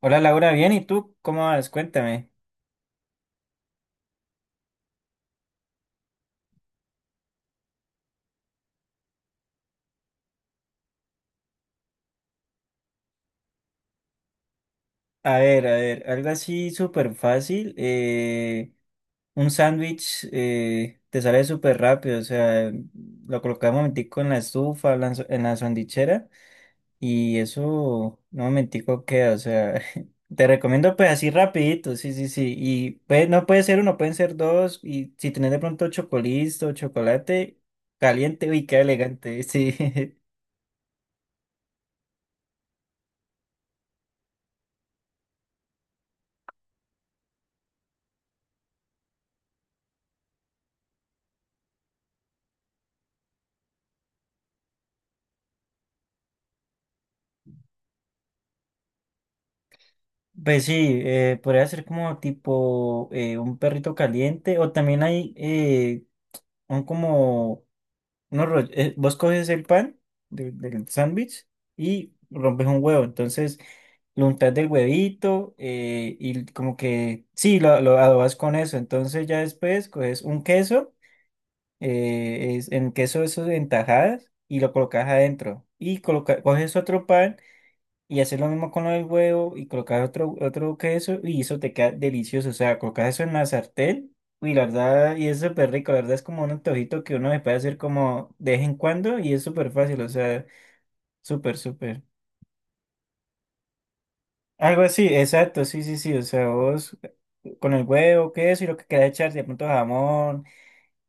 Hola Laura, bien, ¿y tú cómo vas? Cuéntame. A ver, algo así súper fácil, un sándwich, te sale súper rápido, o sea, lo colocas un momentico en la estufa, en la sandwichera y eso un momentico queda, o sea, te recomiendo pues así rapidito, sí, sí, sí. Y pues no puede ser uno, pueden ser dos y si tenés de pronto chocolito, chocolate caliente, uy, qué elegante, sí. Pues sí, podría ser como tipo un perrito caliente o también hay un como vos coges el pan del sándwich y rompes un huevo, entonces lo untas del huevito, y como que sí, lo adobas con eso, entonces ya después coges un queso, en queso eso en tajadas y lo colocas adentro y coges otro pan y hacer lo mismo con el huevo y colocar otro queso y eso te queda delicioso. O sea, colocas eso en la sartén y la verdad, y es súper rico. La verdad es como un antojito que uno se puede hacer como de vez en cuando y es súper fácil. O sea, súper, súper. Algo así, exacto, sí, sí, sí. O sea, vos con el huevo, queso y lo que queda echar, de pronto jamón,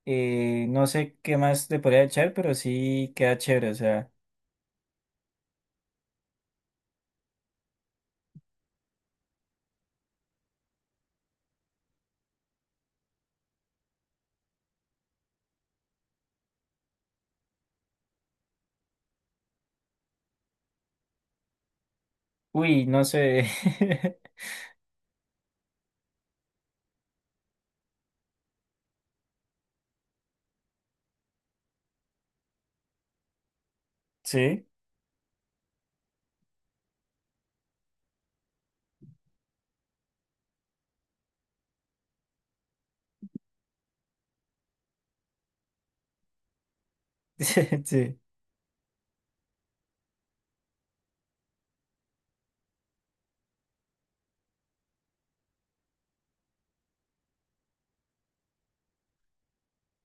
no sé qué más te podría echar, pero sí queda chévere. O sea, uy, no sé. Sí, sí, sí,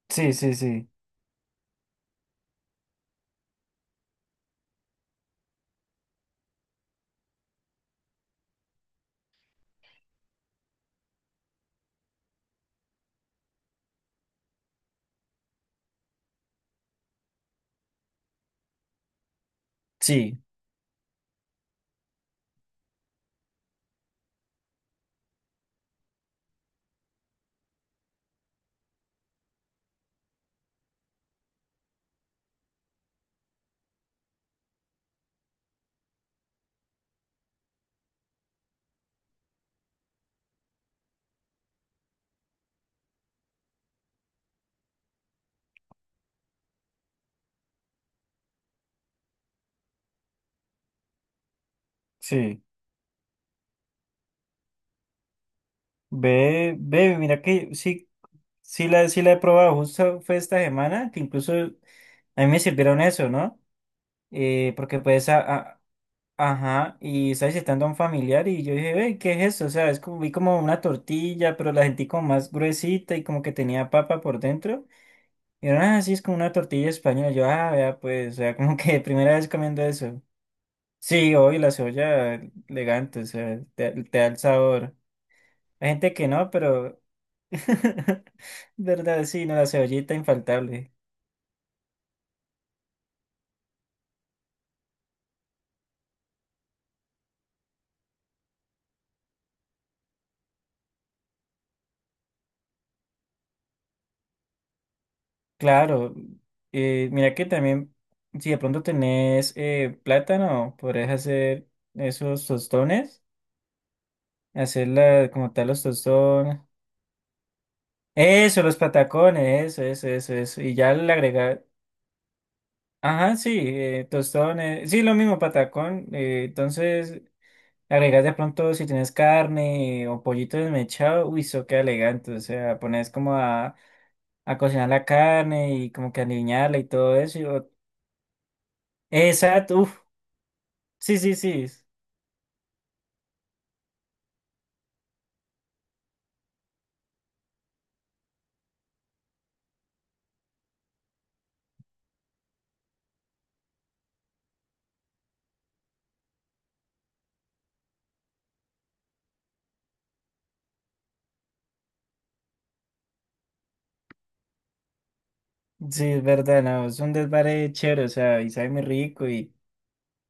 sí, sí, sí, sí. Ve, ve, mira que sí, sí la he probado, justo fue esta semana, que incluso a mí me sirvieron eso, ¿no? Porque pues, ajá, y estaba visitando a un familiar y yo dije, ve, ¿qué es eso? O sea, es como, vi como una tortilla, pero la sentí como más gruesita y como que tenía papa por dentro. Y era así, es como una tortilla española. Yo, ah, vea, pues, o sea, como que primera vez comiendo eso. Sí, hoy la cebolla elegante, o sea, te da el sabor. Hay gente que no, pero... ¿Verdad? Sí, no, la cebollita infaltable. Claro. Mira que también, si de pronto tenés plátano, podrías hacer esos tostones, hacer la como tal los tostones. Eso, los patacones, eso, eso, eso, eso. Y ya le agregar, ajá, sí, tostones, sí, lo mismo, patacón, entonces, agregas de pronto si tienes carne o pollito desmechado, uy, eso queda elegante. O sea, pones como a cocinar la carne y como que alinearla y todo eso. Exacto, uf, sí, sí, sí, sí, es verdad, no, es un desvare chévere, o sea, y sabe muy rico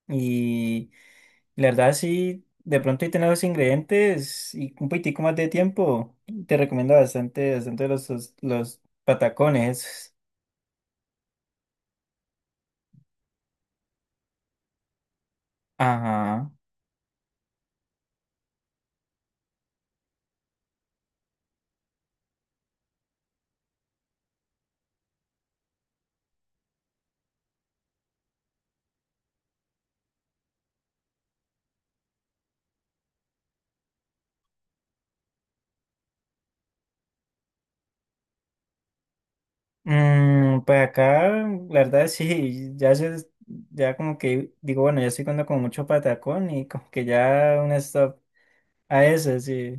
y la verdad sí, de pronto y tener los ingredientes y un poquitico más de tiempo, te recomiendo bastante, bastante los patacones. Esos. Ajá. Mm, pues acá, la verdad sí, ya como que digo, bueno, ya estoy comiendo como mucho patacón y como que ya una stop a eso, sí.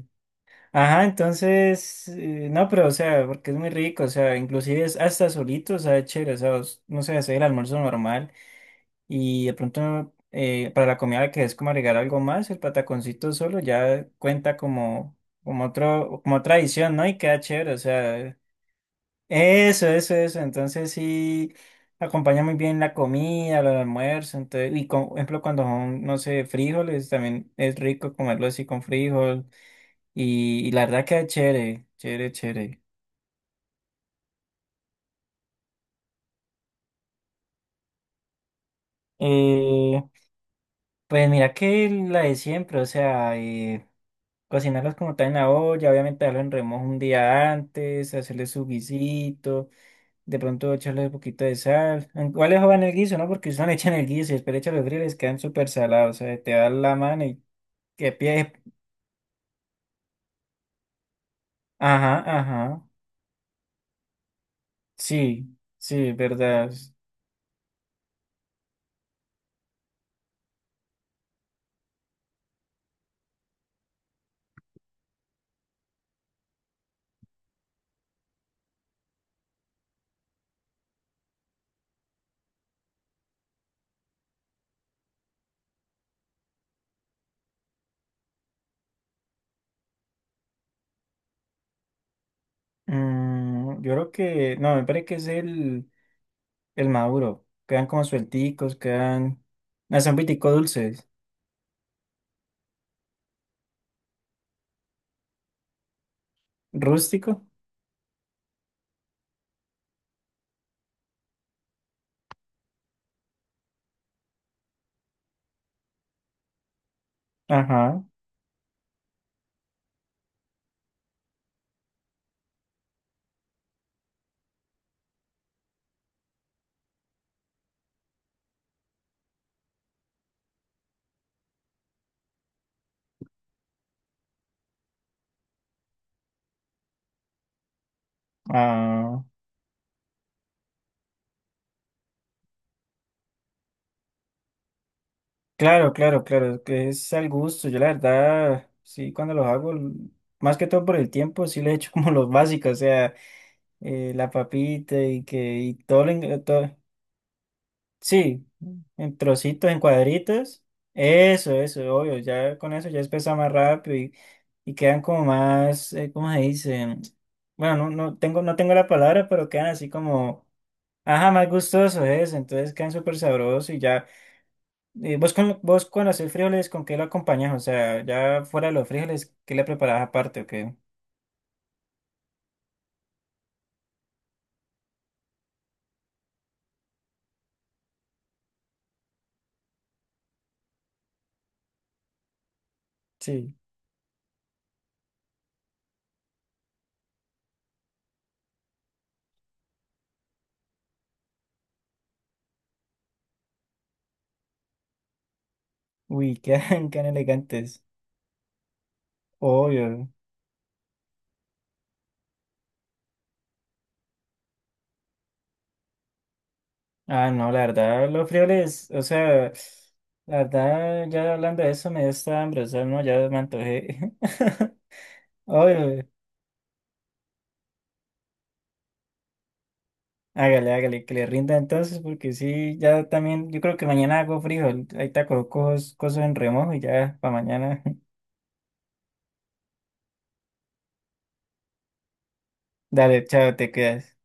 Ajá, entonces, no, pero o sea, porque es muy rico, o sea, inclusive es hasta solito, o sea, es chévere, o sea, no sé, hacer el almuerzo normal y de pronto para la comida que es como agregar algo más, el pataconcito solo ya cuenta como, como otro, como otra adición, ¿no? Y queda chévere, o sea, eso, entonces sí acompaña muy bien la comida, el almuerzo, entonces, por ejemplo, cuando son, no sé, frijoles, también es rico comerlo así con frijol. Y la verdad que chévere, chévere, chévere. Eh, pues mira que la de siempre, o sea, cocinarlos como tal en la olla, obviamente darlo en remojo un día antes, hacerle su guisito, de pronto echarle un poquito de sal. Igual les jodan el guiso, ¿no? Porque usan echan el guiso y después le echan los frijoles, quedan súper salados, o sea, te da la mano y que pie. Ajá, ajá. Sí, sí, verdad. Mm, yo creo no, me parece que es el maduro. Quedan como suelticos, quedan. No, son pitico dulces. Rústico. Ajá. Ah, claro, claro, claro. Que es al gusto. Yo la verdad, sí, cuando los hago, más que todo por el tiempo, sí le echo como los básicos. O sea, la papita y que y todo, lo, sí, en trocitos, en cuadritos. Eso, obvio. Ya con eso ya espesa más rápido y quedan como más, ¿cómo se dice? Bueno, no tengo, no tengo la palabra, pero quedan así como, ajá, más gustosos eso. Entonces quedan súper sabrosos y ya. Eh, vos cuando haces frijoles, ¿con qué lo acompañas? O sea, ya fuera de los frijoles, ¿qué le preparás aparte o qué? Sí. Uy, quedan, quedan elegantes. Obvio. Ah, no, la verdad, los frijoles, o sea, la verdad, ya hablando de eso me dio esta hambre, o sea, no, ya me antojé. Oye, hágale, hágale, que le rinda entonces, porque sí, ya también, yo creo que mañana hago frijol, ahí te coloco cosas en remojo y ya, para mañana. Dale, chao, te quedas.